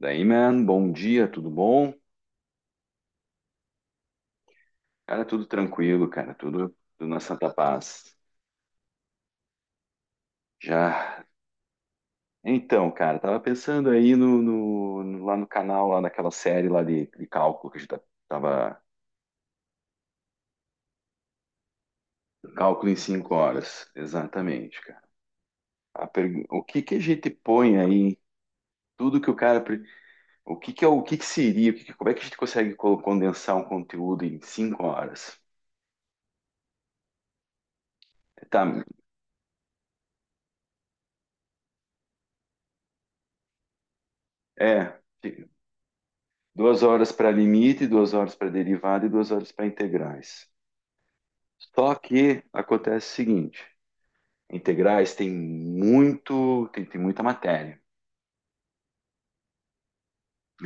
Daí, man, bom dia, tudo bom? Cara, tudo tranquilo, cara, tudo na Santa Paz. Já. Então, cara, tava pensando aí lá no canal, lá naquela série lá de cálculo que a gente tava. Cálculo em 5 horas, exatamente, cara. O que que a gente põe aí? Tudo que o cara. O que que é o que que seria? Como é que a gente consegue condensar um conteúdo em 5 horas? Tá. É. 2 horas para limite, 2 horas para derivada e 2 horas para integrais. Só que acontece o seguinte: integrais tem muita matéria.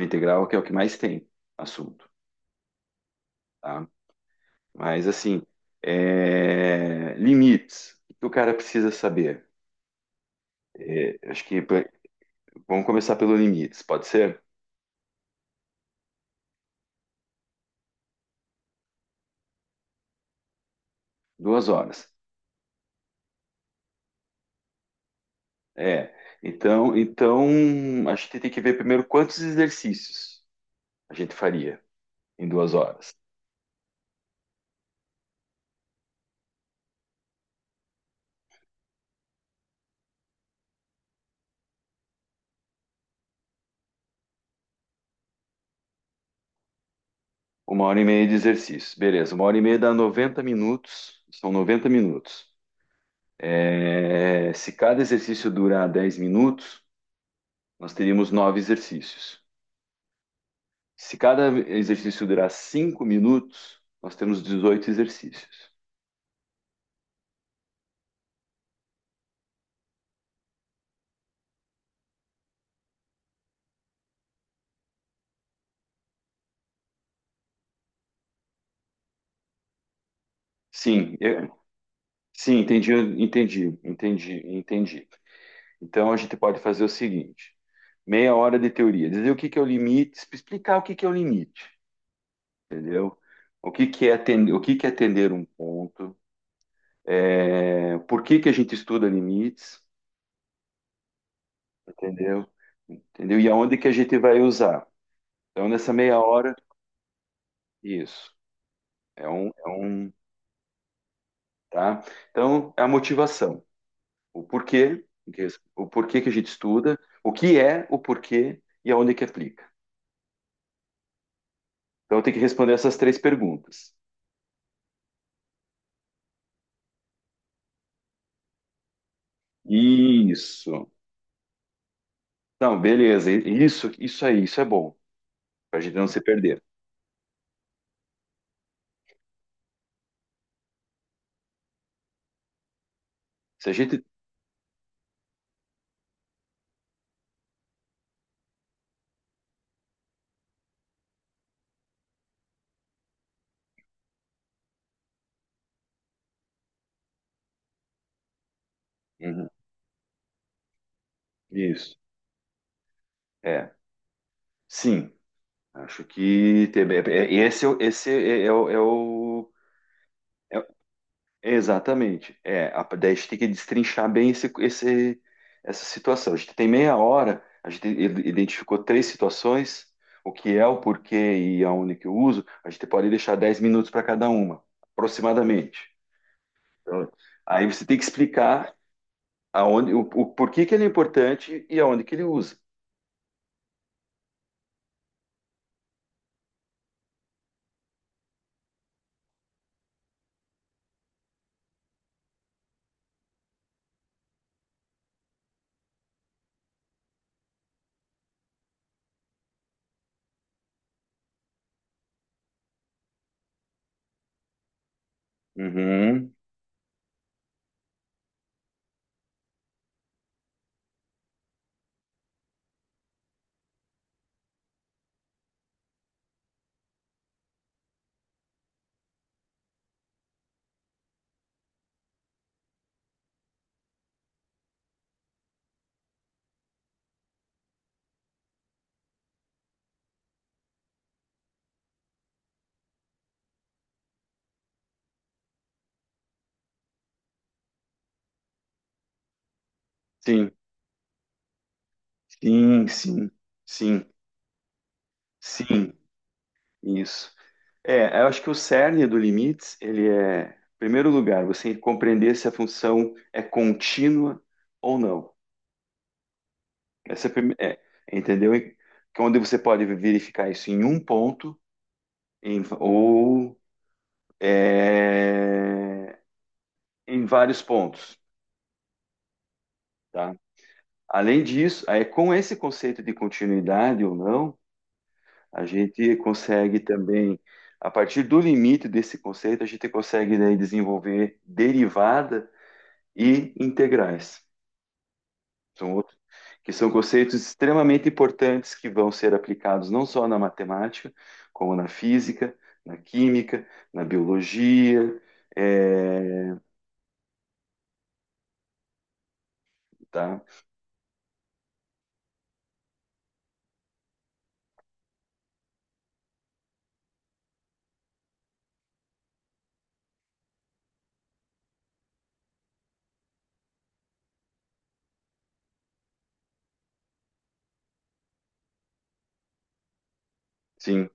Integral que é o que mais tem assunto, tá? Mas assim, limites. O que o cara precisa saber? É, acho que vamos começar pelo limites. Pode ser 2 horas. É. Então, a gente tem que ver primeiro quantos exercícios a gente faria em 2 horas. 1 hora e meia de exercício. Beleza, 1 hora e meia dá 90 minutos. São 90 minutos. É, se cada exercício durar 10 minutos, nós teríamos nove exercícios. Se cada exercício durar 5 minutos, nós temos 18 exercícios. Sim, sim, entendi, entendi, entendi, entendi. Então a gente pode fazer o seguinte: meia hora de teoria, dizer o que que é o limite, explicar o que que é o limite, entendeu? O que que é atender, o que que é atender um ponto. É, por que que a gente estuda limites, entendeu? Entendeu? E aonde que a gente vai usar? Então, nessa meia hora, isso. É um, tá? Então, é a motivação. O porquê, o porquê que a gente estuda, o que é, o porquê e aonde que aplica. Então, tem que responder essas três perguntas. Isso. Não, beleza. Isso aí, isso é bom, para a gente não se perder. Se a gente. Uhum. Isso. É. Sim. Acho que esse, esse é- é exatamente. Daí a gente tem que destrinchar bem esse, essa situação. A gente tem meia hora, a gente identificou três situações, o que é, o porquê e aonde que eu uso. A gente pode deixar 10 minutos para cada uma, aproximadamente. Então, aí você tem que explicar aonde, o porquê que ele é importante e aonde que ele usa. Uhum. Sim, sim, sim, sim, sim. Isso. É, eu acho que o cerne do limites, ele é, em primeiro lugar, você compreender se a função é contínua ou não. Essa é, a prime- é, entendeu? E onde você pode verificar isso em um ponto ou é, em vários pontos, tá? Além disso, aí com esse conceito de continuidade ou não, a gente consegue também, a partir do limite desse conceito, a gente consegue daí desenvolver derivadas e integrais. São outros, que são conceitos extremamente importantes que vão ser aplicados não só na matemática, como na física, na química, na biologia, é, tá? Sim.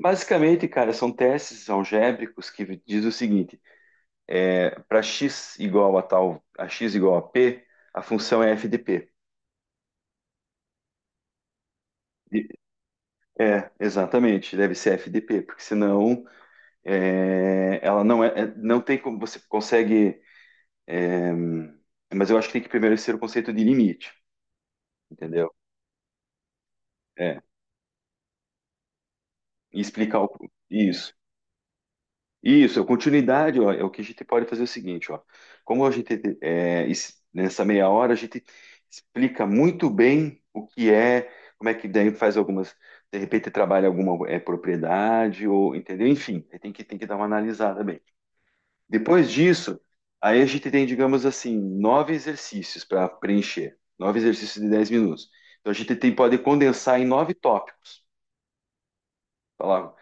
Basicamente, cara, são testes algébricos que diz o seguinte: para x igual a tal, a x igual a p, a função é f de p. E- É, exatamente, deve ser f de p, porque senão, ela não é, não tem como você consegue, é, mas eu acho que tem que primeiro ser o conceito de limite, entendeu? É, e explicar isso. Isso, a continuidade, ó, é o que a gente pode fazer o seguinte, ó. Como a gente nessa meia hora a gente explica muito bem o que é, como é que daí faz algumas, de repente trabalha alguma propriedade ou entendeu? Enfim, tem que dar uma analisada bem. Depois disso, aí a gente tem, digamos assim, nove exercícios para preencher, nove exercícios de 10 minutos. Então a gente tem, pode condensar em nove tópicos. Falava.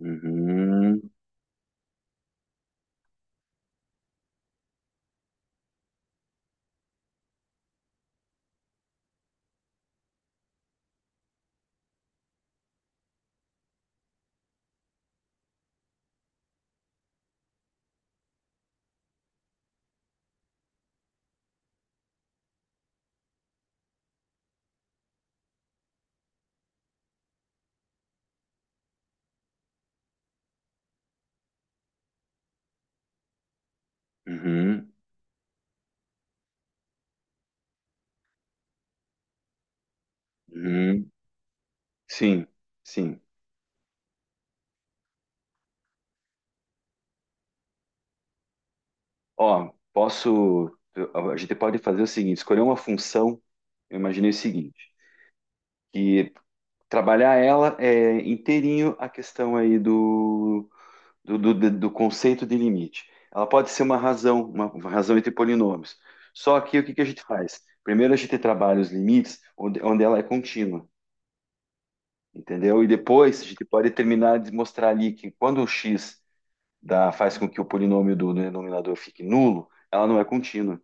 Uhum, uhum, uhum, sim, sim. Ó, posso, a gente pode fazer o seguinte, escolher uma função, eu imaginei o seguinte, que trabalhar ela é inteirinho a questão aí do conceito de limite. Ela pode ser uma razão, uma razão entre polinômios. Só que o que que a gente faz? Primeiro a gente trabalha os limites onde ela é contínua, entendeu? E depois a gente pode terminar de mostrar ali que quando o x dá, faz com que o polinômio do denominador fique nulo, ela não é contínua.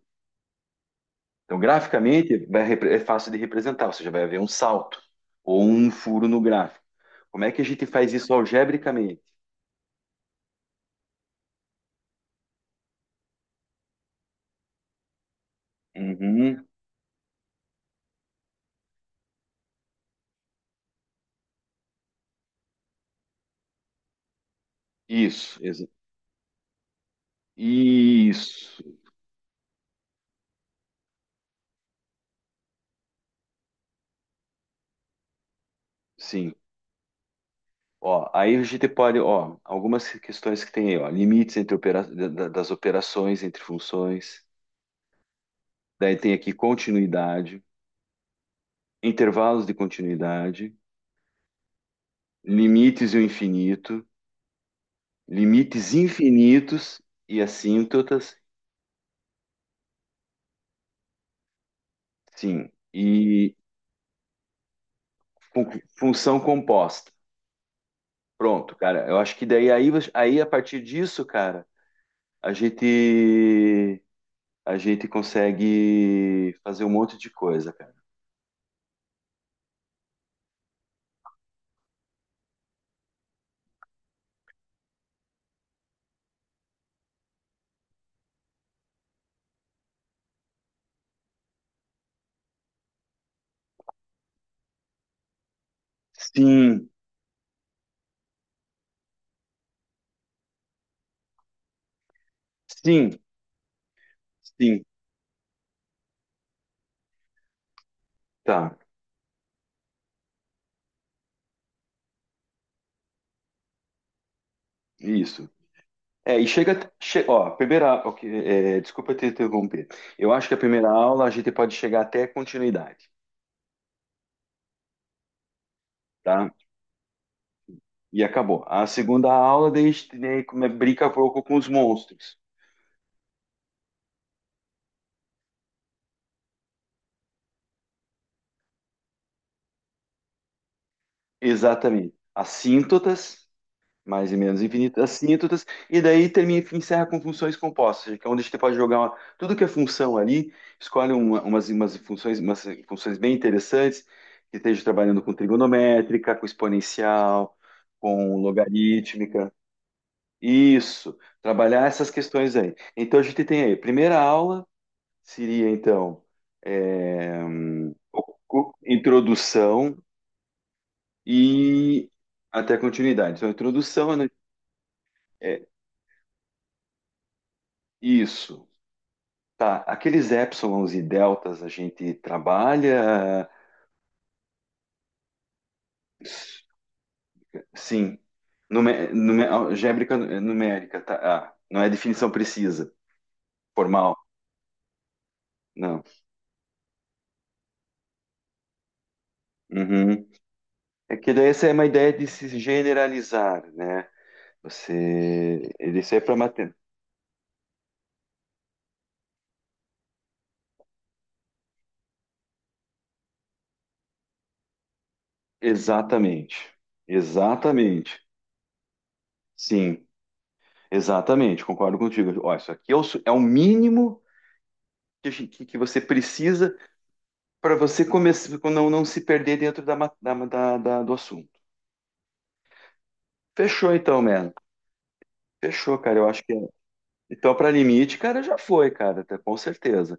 Então, graficamente, é fácil de representar, ou seja, vai haver um salto ou um furo no gráfico. Como é que a gente faz isso algebricamente? Uhum. Isso, isso. Sim. Ó, aí a gente pode, ó, algumas questões que tem aí, ó, limites entre das operações, entre funções. Daí tem aqui continuidade, intervalos de continuidade, limites e o infinito, limites infinitos e assíntotas, sim, e fun- função composta. Pronto, cara. Eu acho que daí aí a partir disso, cara, a gente a gente consegue fazer um monte de coisa, cara. Sim, sim, sim, tá, isso. É, e chega, ó, a primeira, ok, desculpa te interromper. Eu acho que a primeira aula a gente pode chegar até continuidade, tá? E acabou. A segunda aula, daí a gente, né, brinca um pouco com os monstros. Exatamente. Assíntotas, mais e menos infinitas, assíntotas, e daí termina, encerra com funções compostas, que é onde a gente pode jogar tudo que é função ali, escolhe umas funções, umas funções bem interessantes, que esteja trabalhando com trigonométrica, com exponencial, com logarítmica. Isso, trabalhar essas questões aí. Então a gente tem aí, primeira aula seria então introdução e até continuidade. Então, a introdução é isso. Tá, aqueles épsilons e deltas a gente trabalha, sim, numé numé algébrica numérica, tá? Ah, não é definição precisa, formal, não. Uhum. É que daí essa é uma ideia de se generalizar, né? Você, ele isso é para mater... Exatamente, exatamente, sim, exatamente, concordo contigo. Ó, isso aqui é o mínimo que, que você precisa para você começar, não, não se perder dentro da, ma- da- da- da- do assunto. Fechou então, mano. Fechou, cara. Eu acho que é. Então, para limite, cara, já foi, cara, com certeza.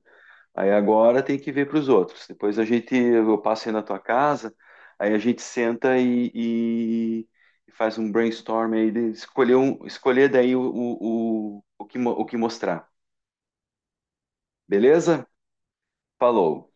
Aí agora tem que ver para os outros. Depois eu passo aí na tua casa, aí a gente senta e faz um brainstorm aí, de escolher daí o que, o que mostrar. Beleza? Falou.